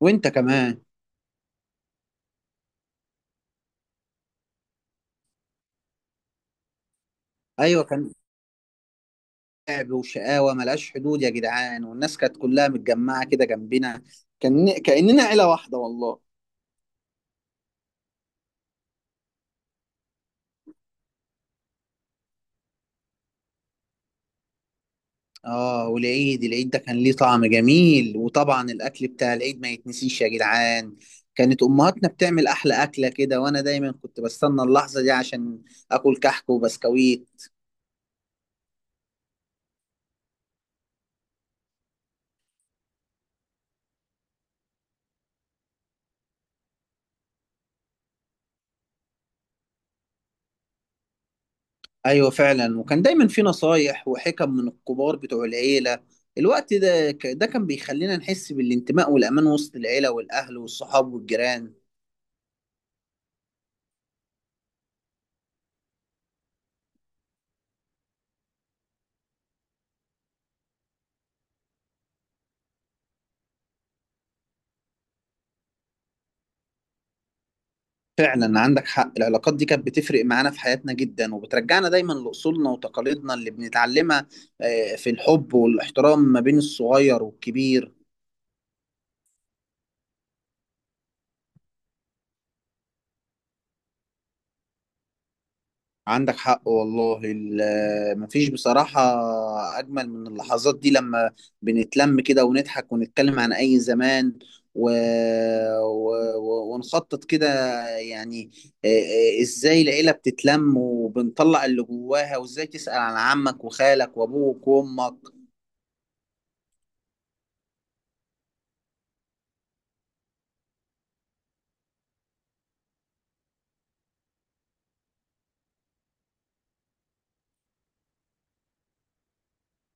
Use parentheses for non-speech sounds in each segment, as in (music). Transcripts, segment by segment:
وانت كمان. ايوه كان لعب وشقاوه ملهاش حدود يا جدعان، والناس كانت كلها متجمعه كده جنبنا. كان كاننا عيله واحده والله. اه، والعيد ده كان ليه طعم جميل. وطبعا الاكل بتاع العيد ما يتنسيش يا جدعان. كانت امهاتنا بتعمل احلى اكله كده، وانا دايما كنت بستنى اللحظه دي عشان اكل كحك وبسكويت. ايوه فعلا، وكان دايما في نصايح وحكم من الكبار بتوع العيله. الوقت ده ده كان بيخلينا نحس بالانتماء والامان وسط العيله والاهل والصحاب والجيران. فعلا عندك حق، العلاقات دي كانت بتفرق معانا في حياتنا جدا، وبترجعنا دايما لاصولنا وتقاليدنا اللي بنتعلمها، في الحب والاحترام ما بين الصغير والكبير. عندك حق والله، مفيش بصراحة أجمل من اللحظات دي لما بنتلم كده ونضحك ونتكلم عن أي زمان و... ونخطط كده يعني. إزاي العيلة بتتلم وبنطلع اللي جواها، وإزاي تسأل عن عمك وخالك وأبوك وأمك.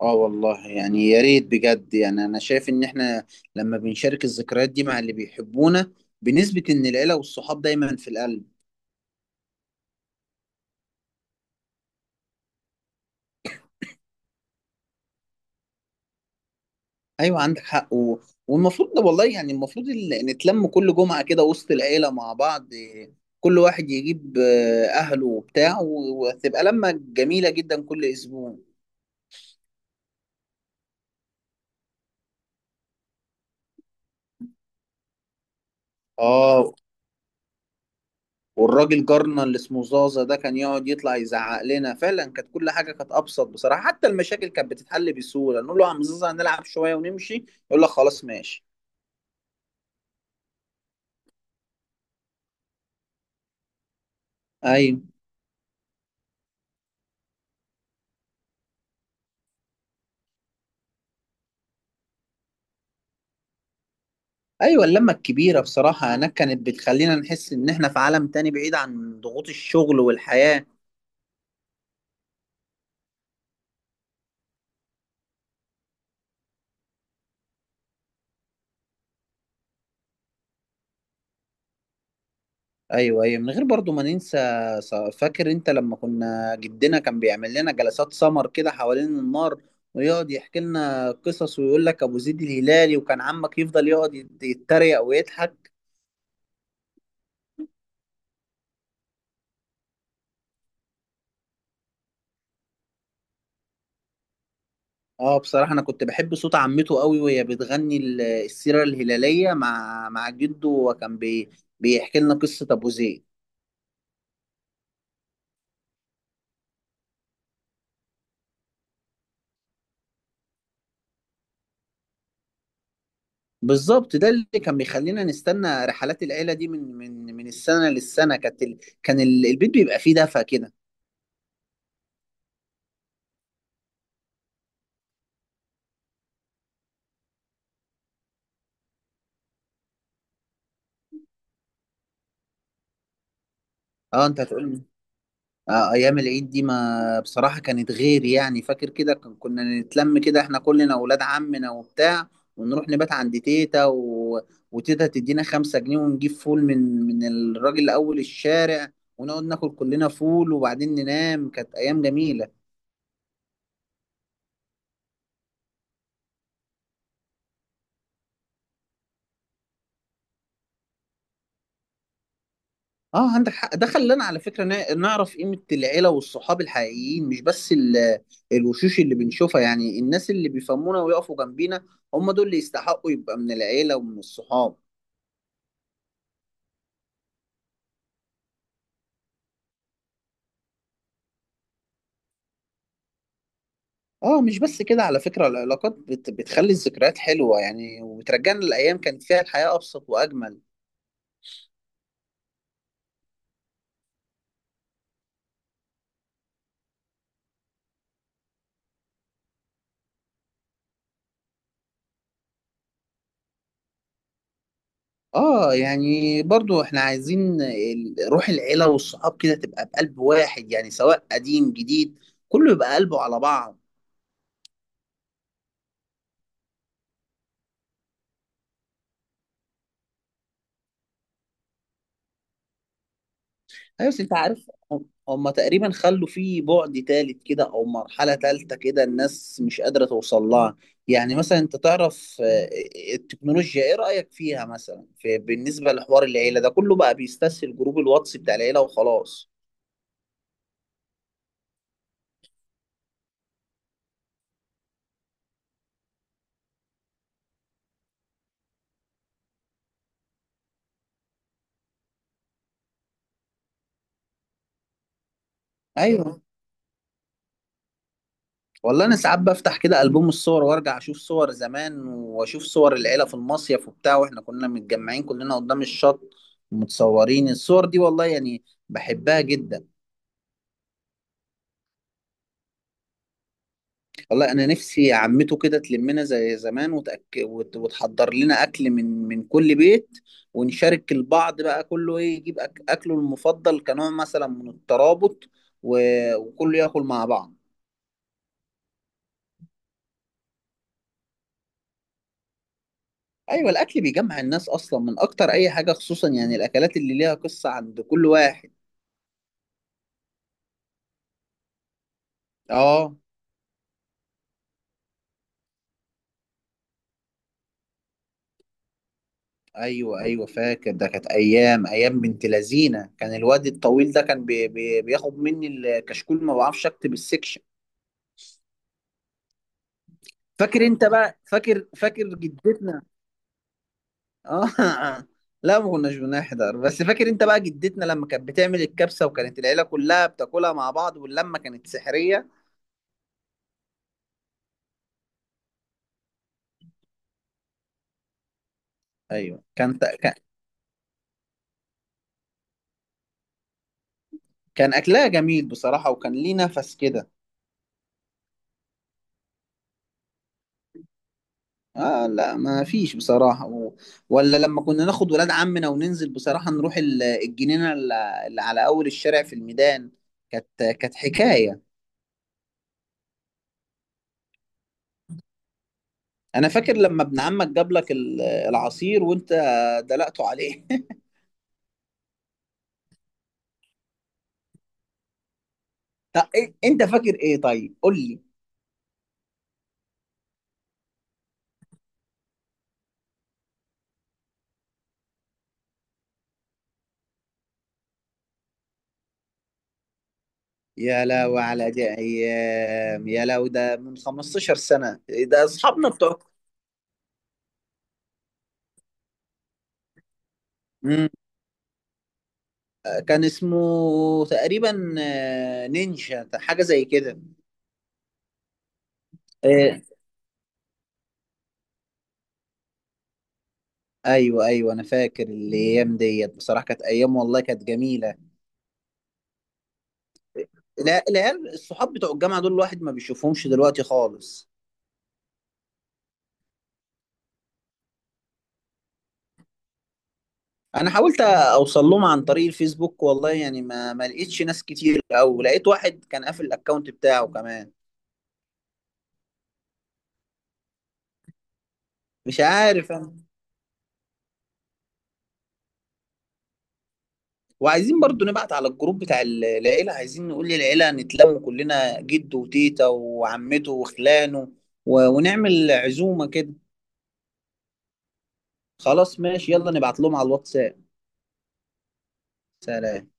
آه والله، يعني يا ريت بجد. يعني أنا شايف إن إحنا لما بنشارك الذكريات دي مع اللي بيحبونا، بنثبت إن العيلة والصحاب دايما في القلب. ايوه عندك حق. والمفروض ده والله، يعني المفروض نتلم كل جمعه كده وسط العيله مع بعض، كل واحد يجيب اهله وبتاع، وتبقى لمه جميله جدا كل اسبوع. اه، والراجل جارنا اللي اسمه زازا ده كان يقعد يطلع يزعق لنا. فعلا كانت كل حاجه كانت ابسط بصراحه، حتى المشاكل كانت بتتحل بسهوله. نقول له يا عم زازا هنلعب شويه ونمشي، يقول لك خلاص ماشي. ايوه. ايوه اللمه الكبيره بصراحه هناك كانت بتخلينا نحس ان احنا في عالم تاني بعيد عن ضغوط الشغل والحياه. ايوه من غير برضو ما ننسى. فاكر انت لما كنا، جدنا كان بيعمل لنا جلسات سمر كده حوالين النار، ويقعد يحكي لنا قصص ويقول لك ابو زيد الهلالي، وكان عمك يفضل يقعد يتريق ويضحك. اه بصراحه انا كنت بحب صوت عمته قوي وهي بتغني السيره الهلاليه مع جده، وكان بيحكي لنا قصه ابو زيد. بالظبط، ده اللي كان بيخلينا نستنى رحلات العيله دي من السنه للسنه. كانت البيت بيبقى فيه دفى كده. اه انت هتقول. ايام العيد دي ما بصراحه كانت غير يعني. فاكر كده كنا نتلم كده احنا كلنا اولاد عمنا وبتاع، ونروح نبات عند تيتا، وتيتا تدينا خمسة جنيه، ونجيب فول من الراجل اول الشارع، ونقعد ناكل كلنا فول وبعدين ننام. كانت ايام جميله. اه عندك حق، ده خلانا على فكره نعرف قيمه العيله والصحاب الحقيقيين، مش بس ال... الوشوش اللي بنشوفها يعني. الناس اللي بيفهمونا ويقفوا جنبينا، هم دول اللي يستحقوا يبقى من العيله ومن الصحاب. اه مش بس كده، على فكرة العلاقات بتخلي الذكريات حلوة يعني، وبترجعنا لأيام كانت فيها الحياة أبسط وأجمل. اه يعني برضو احنا عايزين روح العيلة والصحاب كده تبقى بقلب واحد، يعني سواء قديم جديد، كله يبقى قلبه على بعض. ايوه بس انت عارف، هم تقريبا خلوا فيه بعد تالت كده، او مرحله تالته كده الناس مش قادره توصل لها. يعني مثلا انت تعرف، التكنولوجيا ايه رايك فيها مثلا، في بالنسبه لحوار العيله ده كله بقى بيستسهل جروب الواتس بتاع العيله وخلاص. ايوه والله، انا ساعات بفتح كده البوم الصور، وارجع اشوف صور زمان، واشوف صور العيله في المصيف وبتاع، واحنا كنا متجمعين كلنا قدام الشط متصورين الصور دي. والله يعني بحبها جدا. والله انا نفسي عمته كده تلمنا زي زمان، وتحضر لنا اكل من كل بيت، ونشارك البعض بقى كله، ايه يجيب اكله المفضل كنوع مثلا من الترابط، و... وكله ياكل مع بعض. ايوه الاكل بيجمع الناس اصلا من اكتر اي حاجه، خصوصا يعني الاكلات اللي ليها قصه عند كل واحد. اه. ايوه فاكر، ده كانت ايام، ايام بنت لذينه. كان الواد الطويل ده كان بياخد مني الكشكول، ما بعرفش اكتب السكشن. فاكر انت بقى فاكر فاكر جدتنا. اه (laughs) لا ما كناش بنحضر، بس فاكر انت بقى جدتنا لما كانت بتعمل الكبسة، وكانت العيلة كلها بتاكلها مع بعض، واللمة كانت سحرية. ايوه كان كان اكلها جميل بصراحة، وكان ليه نفس كده. اه لا ما فيش بصراحة. ولا لما كنا ناخد ولاد عمنا وننزل بصراحة نروح الجنينة اللي على اول الشارع في الميدان. كانت كانت حكاية. انا فاكر لما ابن عمك جاب لك العصير وانت دلقته عليه (laughs) انت فاكر ايه طيب، قول لي. يا لو على دي ايام، يا لو ده من 15 سنه ده اصحابنا بتوع. مم. كان اسمه تقريبا، نينجا حاجه زي كده. إيه. ايوه انا فاكر الايام ديت بصراحه، كانت ايام والله كانت جميله. لا العيال الصحاب بتوع الجامعه دول الواحد ما بيشوفهمش دلوقتي خالص. انا حاولت اوصل لهم عن طريق الفيسبوك، والله يعني ما لقيتش ناس كتير، او لقيت واحد كان قافل الاكونت بتاعه كمان. مش عارف انا. وعايزين برضو نبعت على الجروب بتاع العيلة، عايزين نقول للعيلة نتلم كلنا، جده وتيتا وعمته وخلانه، ونعمل عزومة كده. خلاص ماشي، يلا نبعت لهم على الواتساب. سلام.